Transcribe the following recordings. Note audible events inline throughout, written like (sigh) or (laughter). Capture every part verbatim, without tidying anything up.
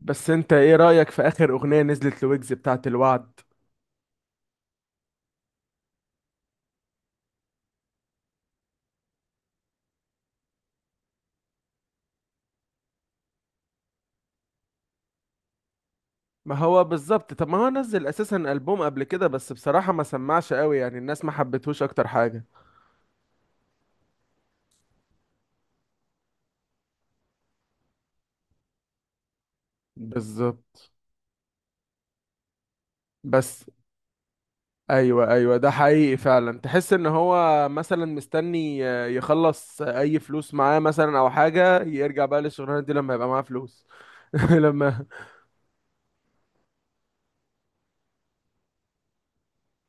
بس انت ايه رأيك في اخر اغنية نزلت لويجز بتاعت الوعد؟ ما هو بالظبط. طب ما هو نزل اساسا ألبوم قبل كده، بس بصراحة ما سمعش قوي، يعني الناس ما حبتهوش اكتر حاجة. بالظبط. بس ايوه، ايوه، ده حقيقي فعلا، تحس ان هو مثلا مستني آه، يخلص اي فلوس معاه مثلا او حاجة، يرجع بقى للشغلانة دي لما يبقى معاه فلوس. (laughs) لما.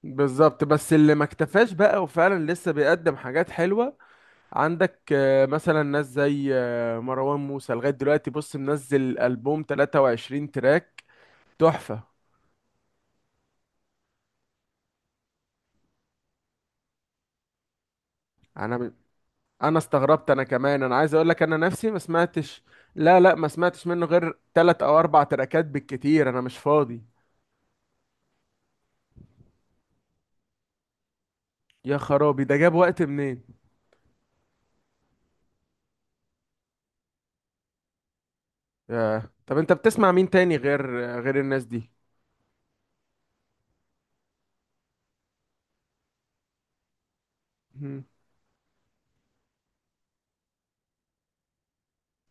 بالظبط، بس اللي ما اكتفاش بقى وفعلا لسه بيقدم حاجات حلوة. عندك آه، مثلا ناس زي آه، مروان موسى لغاية دلوقتي، بص منزل ألبوم تلاتة وعشرين تراك. تحفة. أنا ب- أنا استغربت، أنا كمان، أنا عايز أقول لك أنا نفسي ما سمعتش. لا، لا، ما سمعتش منه غير تلات أو أربع تراكات بالكتير، أنا مش فاضي. يا خرابي، ده جاب وقت منين؟ ياه. طب أنت بتسمع مين تاني غير غير الناس دي؟ مم.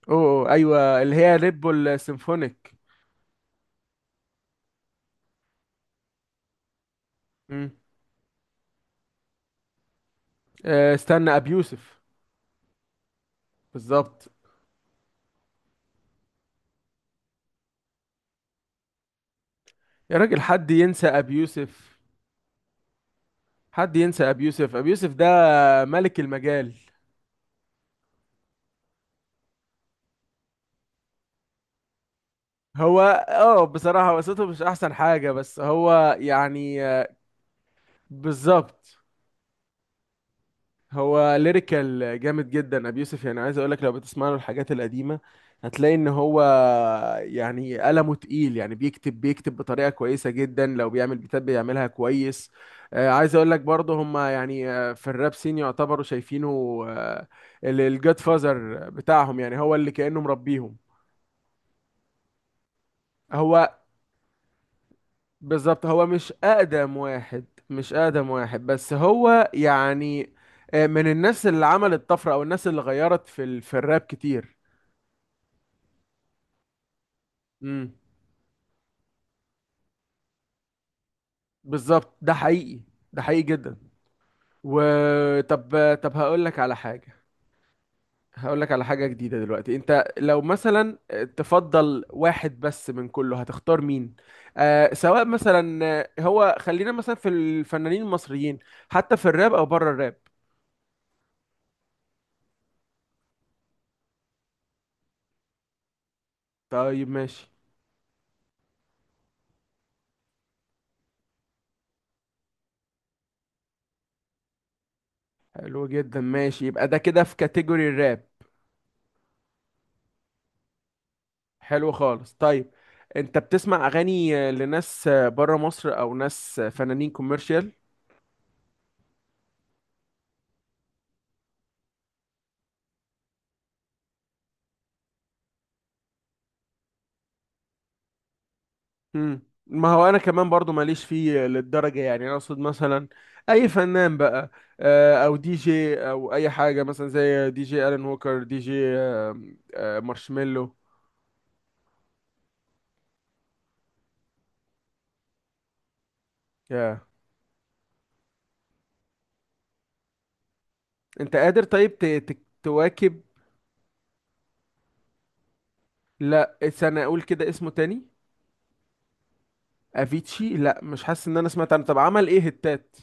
أوه، أوه، أيوة اللي هي ريد بول سيمفونيك. مم. آه، استنى أبيوسف. بالظبط. يا راجل، حد ينسى أبيوسف؟ حد ينسى ابي يوسف؟ ابي يوسف ده ملك المجال. هو اه بصراحة قصته مش احسن حاجة، بس هو يعني آه، بالظبط. هو ليريكال جامد جدا ابي يوسف، يعني عايز اقولك لو بتسمع له الحاجات القديمة هتلاقي ان هو، يعني قلمه تقيل، يعني بيكتب بيكتب بطريقة كويسة جدا، لو بيعمل بيتات بيعملها كويس. آه، عايز اقولك برضه هما يعني آه، في الراب سين يعتبروا شايفينه الجاد فازر بتاعهم، يعني هو اللي كأنه مربيهم. هو، بالظبط، هو مش أقدم واحد. مش أقدم واحد، بس هو يعني آه، من الناس اللي عملت طفرة، أو الناس اللي غيرت في ال... في الراب كتير. امم بالظبط. ده حقيقي، ده حقيقي جدا. وطب طب هقول لك على حاجة. هقول لك على حاجة جديدة. دلوقتي أنت لو مثلا تفضل واحد بس من كله، هتختار مين؟ آه سواء مثلا آه، هو خلينا مثلا في الفنانين المصريين، حتى في الراب أو بره الراب. طيب، ماشي. حلو جدا، ماشي. يبقى ده كده في كاتيجوري الراب. حلو خالص، طيب. انت بتسمع اغاني آه، لناس آه، بره مصر، او ناس آه، فنانين كوميرشال؟ امم ما هو انا كمان برضو ماليش فيه للدرجة، يعني انا اقصد مثلا اي فنان بقى آه، او دي جي او اي حاجة، مثلا زي دي جي الان ووكر، دي جي آه، آه، مارشميلو. يا، انت قادر؟ طيب ت- ت- تواكب؟ لا، استنى، اقول كده اسمه تاني. افيتشي؟ لا، مش حاسس ان انا سمعت عنه. طب عمل ايه هتات؟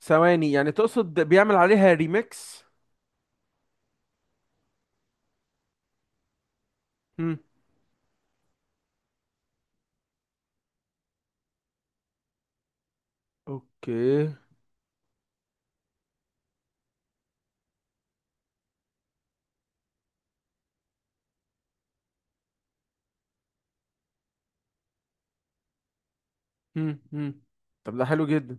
ثواني، يعني تقصد بيعمل عليها ريميكس؟ هم. اوكي. هم، هم. طب ده حلو جدا.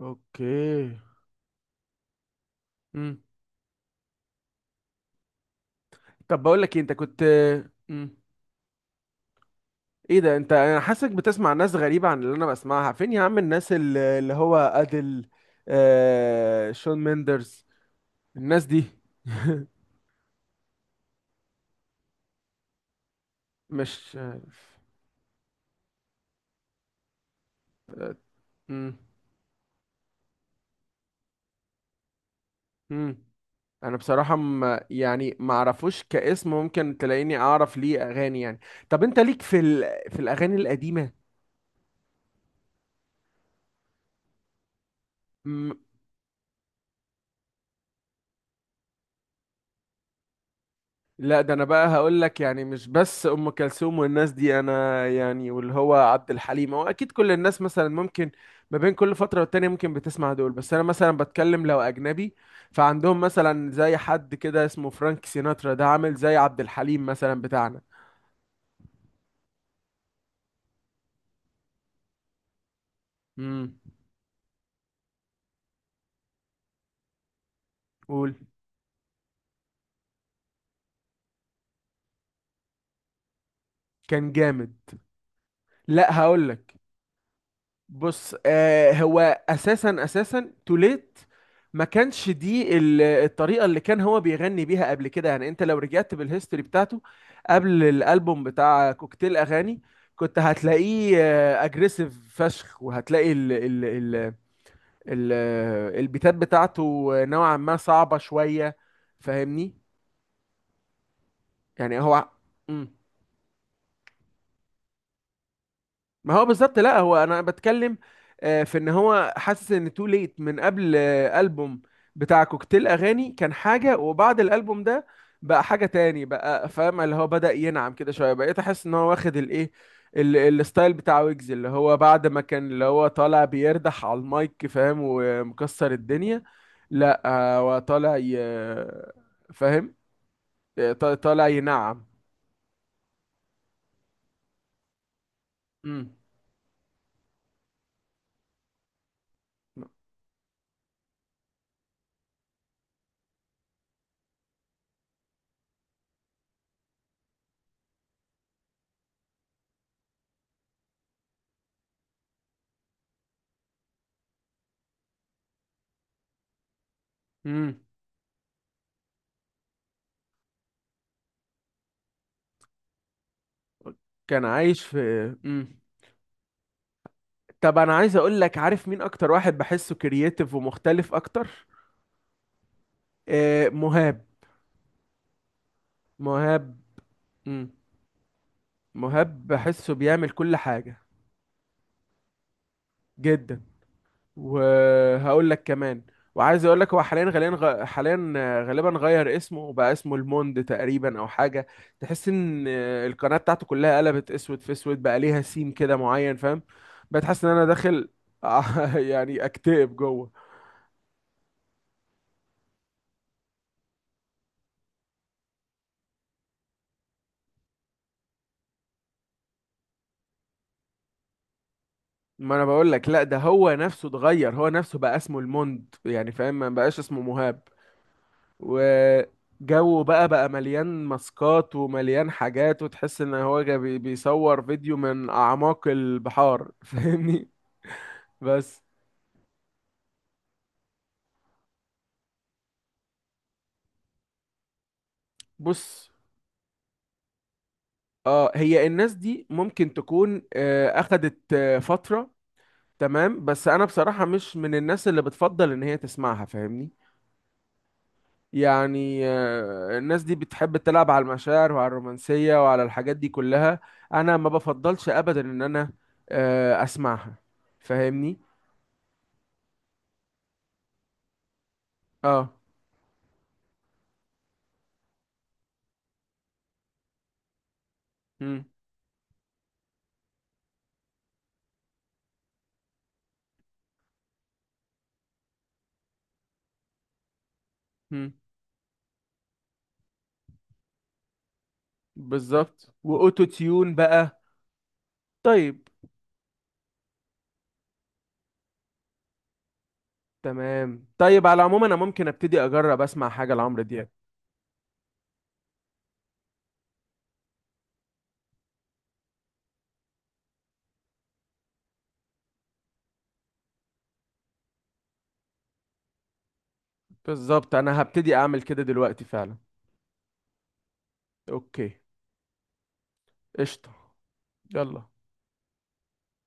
اوكي. هم. طب بقول لك إيه، انت كنت. هم. ايه ده، انت، انا حاسك بتسمع ناس غريبة عن اللي انا بسمعها، فين يا عم الناس اللي اللي هو ادل. آه شون ميندرز، الناس دي. (laughs) مش عارف. هم، هم. انا بصراحة ما يعني ما اعرفوش كاسم، ممكن تلاقيني اعرف ليه اغاني يعني. طب انت ليك في ال... في الاغاني القديمة؟ م... لا، ده انا بقى هقول لك، يعني مش بس ام كلثوم والناس دي، انا يعني واللي هو عبد الحليم، هو اكيد كل الناس مثلا ممكن ما بين كل فترة والتانية ممكن بتسمع دول، بس انا مثلا بتكلم لو اجنبي. فعندهم مثلا زي حد كده اسمه فرانك سيناترا، ده عامل زي عبد الحليم مثلا بتاعنا. امم قول. كان جامد. لا، هقول لك. بص، آه هو اساسا اساسا توليت ما كانش دي ال- الطريقه اللي كان هو بيغني بيها قبل كده، يعني انت لو رجعت بالهيستوري بتاعته قبل الالبوم بتاع كوكتيل اغاني كنت هتلاقيه اجريسيف فشخ، وهتلاقي ال ال ال ال البيتات بتاعته نوعا ما صعبه شويه، فاهمني؟ يعني هو. مم. ما هو بالظبط، لا هو انا بتكلم آه، في ان هو حاسس ان تو ليت من قبل آه، البوم بتاع كوكتيل اغاني كان حاجه، وبعد الالبوم ده بقى حاجه تاني بقى، فاهم؟ اللي هو بدأ ينعم كده شويه، بقيت احس ان هو واخد الايه ال- الستايل بتاع ويجز، اللي هو بعد ما كان اللي هو طالع بيردح على المايك، فاهم؟ ومكسر الدنيا. لا، آه، هو طالع ي... فاهم. آه، طا- طالع ينعم. امم امم كان عايش في. امم طب انا عايز اقول لك، عارف مين اكتر واحد بحسه كرييتيف ومختلف اكتر؟ آه مهاب. مهاب. مم. مهاب بحسه بيعمل كل حاجة. جدا. وهقول لك كمان، وعايز اقول لك، هو حاليا غاليا غ... حاليا آه، غالبا غير اسمه وبقى اسمه الموند تقريبا او حاجة. تحس ان آه، القناة بتاعته كلها قلبت اسود في اسود، بقى ليها سيم كده معين، فاهم؟ بقيت حاسس ان انا داخل (laughs) يعني اكتئب جوه. ما انا بقول لك، لا، ده هو نفسه اتغير، هو نفسه بقى اسمه الموند يعني، فاهم؟ ما بقاش اسمه مهاب. وجوه بقى بقى مليان ماسكات ومليان حاجات، وتحس ان هو جا- بي- بيصور فيديو من اعماق البحار (laughs) فاهمني؟ بس، بص، اه هي الناس دي ممكن تكون آه اخدت آه فترة. تمام، بس انا بصراحة مش من الناس اللي بتفضل ان هي تسمعها، فاهمني؟ يعني آه، الناس دي بتحب تلعب على المشاعر وعلى الرومانسية وعلى الحاجات دي كلها. انا ما بفضلش ابدا ان انا آه، اسمعها، فاهمني؟ اه. مم. مم. بالظبط، واوتو تيون بقى. طيب. تمام. طيب، على العموم انا ممكن ابتدي اجرب اسمع حاجة لعمرو دياب. بالظبط، انا هبتدي اعمل كده دلوقتي فعلا. اوكي. قشطة. يلا.